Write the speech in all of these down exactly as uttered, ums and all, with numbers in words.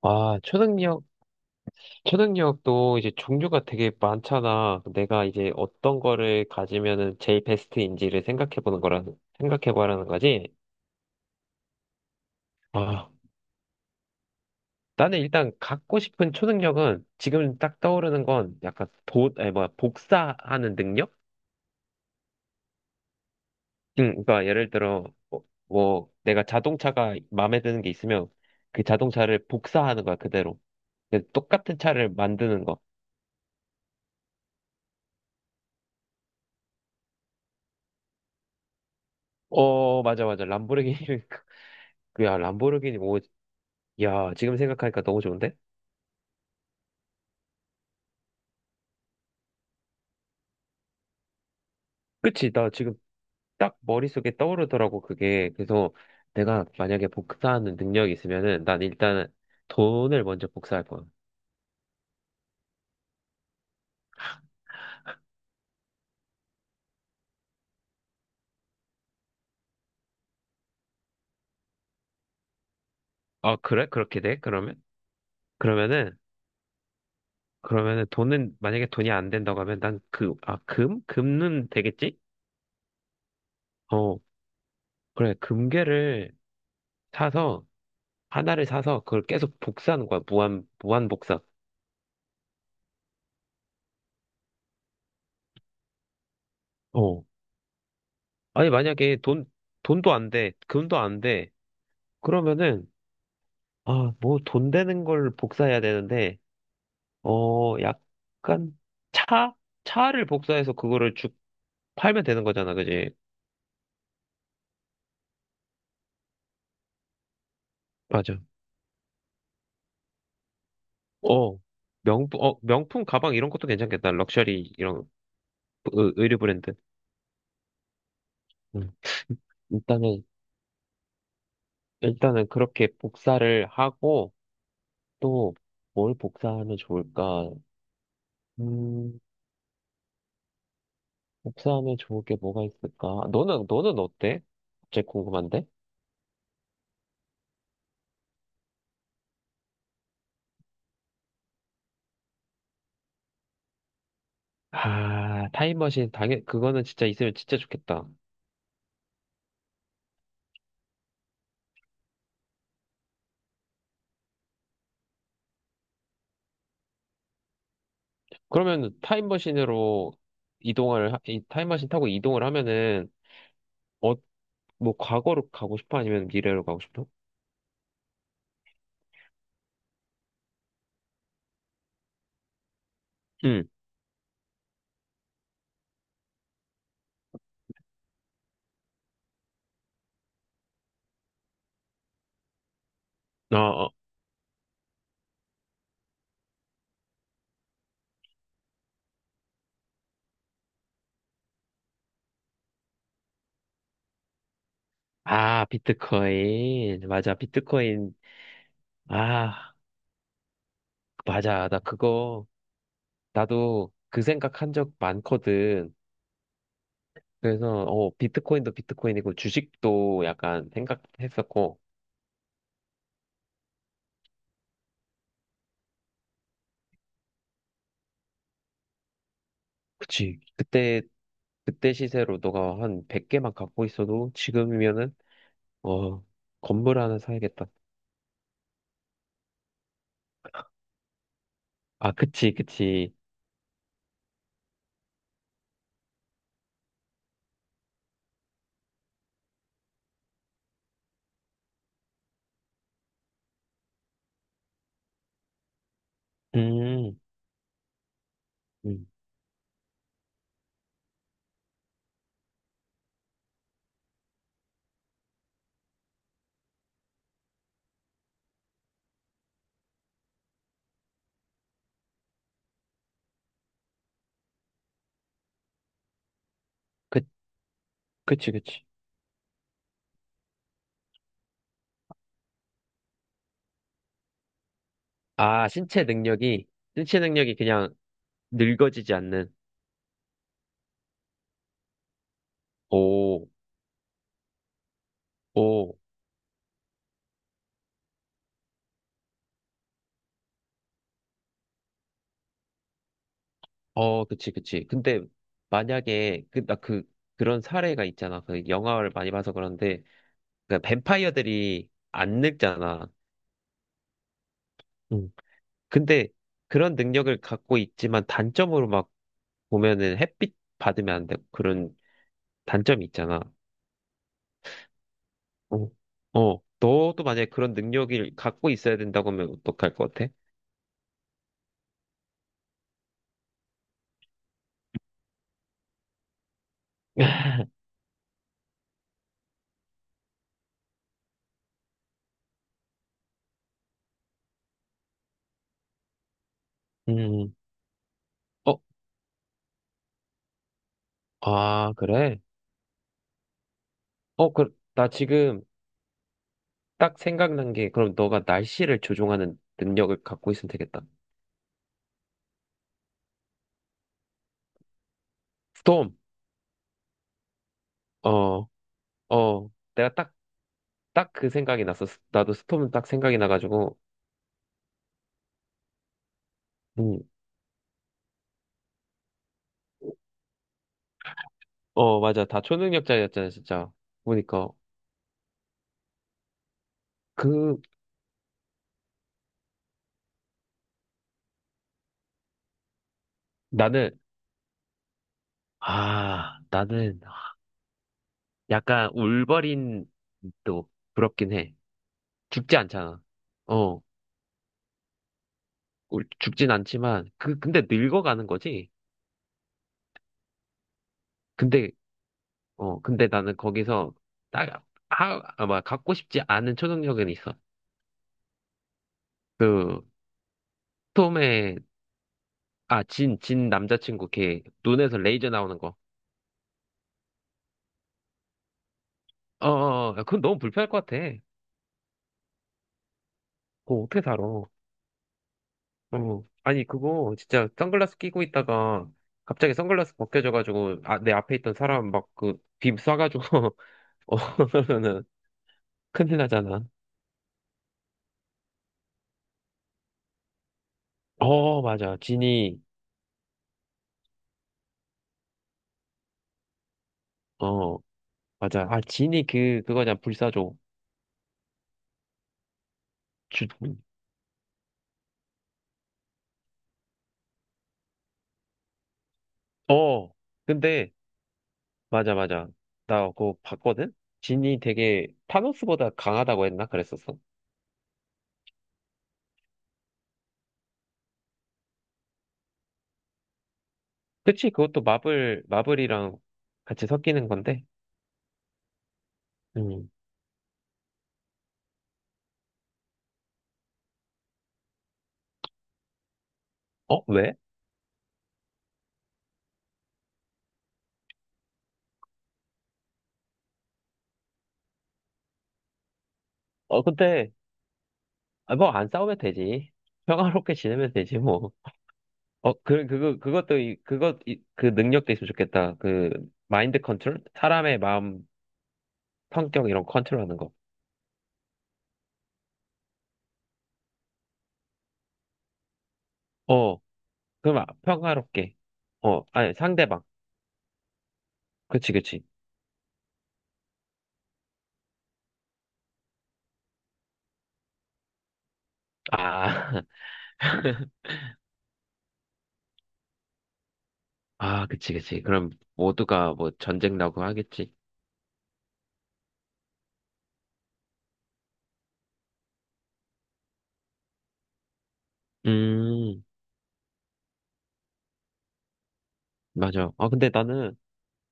아, 초능력, 초능력도 이제 종류가 되게 많잖아. 내가 이제 어떤 거를 가지면은 제일 베스트인지를 생각해 보는 거라는, 생각해 보라는 거지. 아, 나는 일단 갖고 싶은 초능력은 지금 딱 떠오르는 건 약간 도, 아니, 뭐야, 복사하는 능력? 응, 그러니까 예를 들어, 뭐, 뭐 내가 자동차가 마음에 드는 게 있으면 그 자동차를 복사하는 거야, 그대로. 그 똑같은 차를 만드는 거. 어, 맞아, 맞아. 람보르기니, 그야, 람보르기니 야, 지금 생각하니까 너무 좋은데? 그치, 나 지금 딱 머릿속에 떠오르더라고, 그게. 그래서 내가 만약에 복사하는 능력이 있으면은 난 일단은 돈을 먼저 복사할 거야. 아, 그래? 그렇게 돼? 그러면? 그러면은, 그러면은 돈은, 만약에 돈이 안 된다고 하면 난 그, 아, 금? 금은 되겠지? 어, 그래. 금괴를 사서, 하나를 사서 그걸 계속 복사하는 거야. 무한, 무한 복사. 어. 아니, 만약에 돈, 돈도 안 돼. 금도 안 돼. 그러면은, 아, 뭐 돈 되는 걸 복사해야 되는데, 어, 약간 차? 차를 복사해서 그거를 쭉 팔면 되는 거잖아, 그지? 맞아. 어, 명품, 어, 명품 가방 이런 것도 괜찮겠다. 럭셔리 이런 의- 의류 브랜드. 음. 일단은, 일단은 그렇게 복사를 하고, 또 뭘 복사하면 좋을까? 음, 복사하면 좋을 게 뭐가 있을까? 너는, 너는 어때? 갑자기 궁금한데? 아, 타임머신, 당연, 그거는 진짜 있으면 진짜 좋겠다. 그러면 타임머신으로 이동을, 하- 이 타임머신 타고 이동을 하면은, 어, 뭐, 과거로 가고 싶어? 아니면 미래로 가고 싶어? 응, 어, 어. 아, 비트코인. 맞아, 비트코인. 아, 맞아. 나 그거, 나도 그 생각한 적 많거든. 그래서, 어, 비트코인도 비트코인이고, 주식도 약간 생각했었고, 그치. 그때 그때 시세로 너가 한 백 개만 갖고 있어도 지금이면은 어 건물 하나 사야겠다. 아 그치 그치. 음, 음. 그 그치 그치. 아 신체 능력이 신체 능력이 그냥 늙어지지 않는. 오, 오, 어 그치 그치. 근데 만약에 그 나 그 그런 사례가 있잖아. 그 영화를 많이 봐서 그런데 그 뱀파이어들이 안 늙잖아. 근데 그런 능력을 갖고 있지만 단점으로 막 보면은 햇빛 받으면 안 되고 그런 단점이 있잖아. 어, 어, 너도 만약에 그런 능력을 갖고 있어야 된다고 하면 어떡할 것 같아? 음, 어, 아, 그래? 어, 그, 나 지금 딱 생각난 게 그럼 너가 날씨를 조종하는 능력을 갖고 있으면 되겠다. 스톰, 어, 어, 내가 딱, 딱 그 생각이 났어. 나도 스톰은 딱 생각이 나가지고, 음. 어, 맞아. 다 초능력자였잖아, 진짜. 보니까. 그, 나는, 아, 나는 약간 울버린 또 부럽긴 해. 죽지 않잖아. 어, 울- 죽진 않지만, 그, 근데 늙어가는 거지? 근데, 어, 근데 나는 거기서 딱, 하, 아마 갖고 싶지 않은 초능력은 있어. 그, 톰의, 아, 진, 진 남자친구 걔, 눈에서 레이저 나오는 거. 어, 어, 어, 그건 너무 불편할 것 같아. 그거 어떻게 살아? 어, 아니, 그거 진짜 선글라스 끼고 있다가 갑자기 선글라스 벗겨져가지고 아, 내 앞에 있던 사람 막 그 빔 쏴가지고 어, 그러면은 큰일 나잖아. 어, 맞아. 진이, 어, 맞아. 아, 진이 그, 그거냐, 불사조. 주, 어, 근데, 맞아, 맞아. 나 그거 봤거든? 진이 되게 타노스보다 강하다고 했나? 그랬었어. 그치, 그것도 마블, 마블이랑 같이 섞이는 건데. 음. 어, 왜? 어, 근데, 아, 뭐, 안 싸우면 되지. 평화롭게 지내면 되지, 뭐. 어, 그, 그거, 그것도, 이, 그것, 이, 그 능력도 있으면 좋겠다. 그, 마인드 컨트롤? 사람의 마음, 성격, 이런 컨트롤 하는 거. 어, 그럼, 아, 평화롭게. 어, 아니, 상대방. 그치, 그치. 아, 아, 그치, 그치. 그럼, 모두가 뭐, 전쟁 나고 하겠지. 음, 맞아. 아, 근데 나는,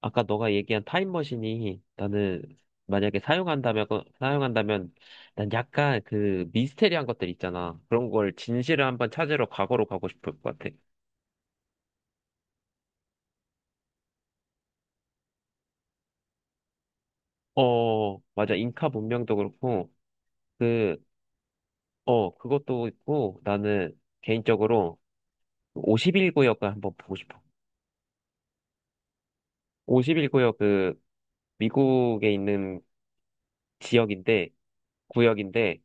아까 너가 얘기한 타임머신이 나는 만약에 사용한다면, 사용한다면 난 약간 그 미스테리한 것들 있잖아. 그런 걸 진실을 한번 찾으러 과거로 가고 싶을 것 같아. 어, 맞아. 잉카 문명도 그렇고, 그, 어, 그것도 있고, 나는 개인적으로 오십일 구역을 한번 보고 싶어. 오십일 구역 그 미국에 있는 지역인데, 구역인데,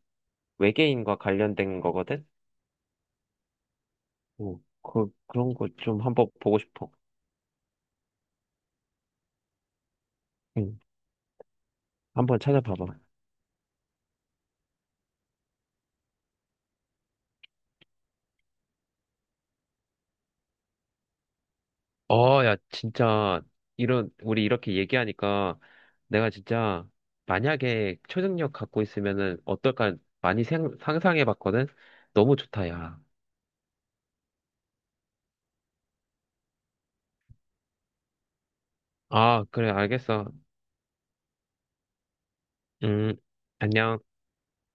외계인과 관련된 거거든? 어, 그, 그런 거 좀 한번 보고 싶어. 응. 한번 찾아봐봐. 어, 야, 진짜, 이런, 우리 이렇게 얘기하니까 내가 진짜 만약에 초능력 갖고 있으면은 어떨까 많이 생, 상상해 봤거든? 너무 좋다, 야. 아, 그래, 알겠어. 음, 안녕.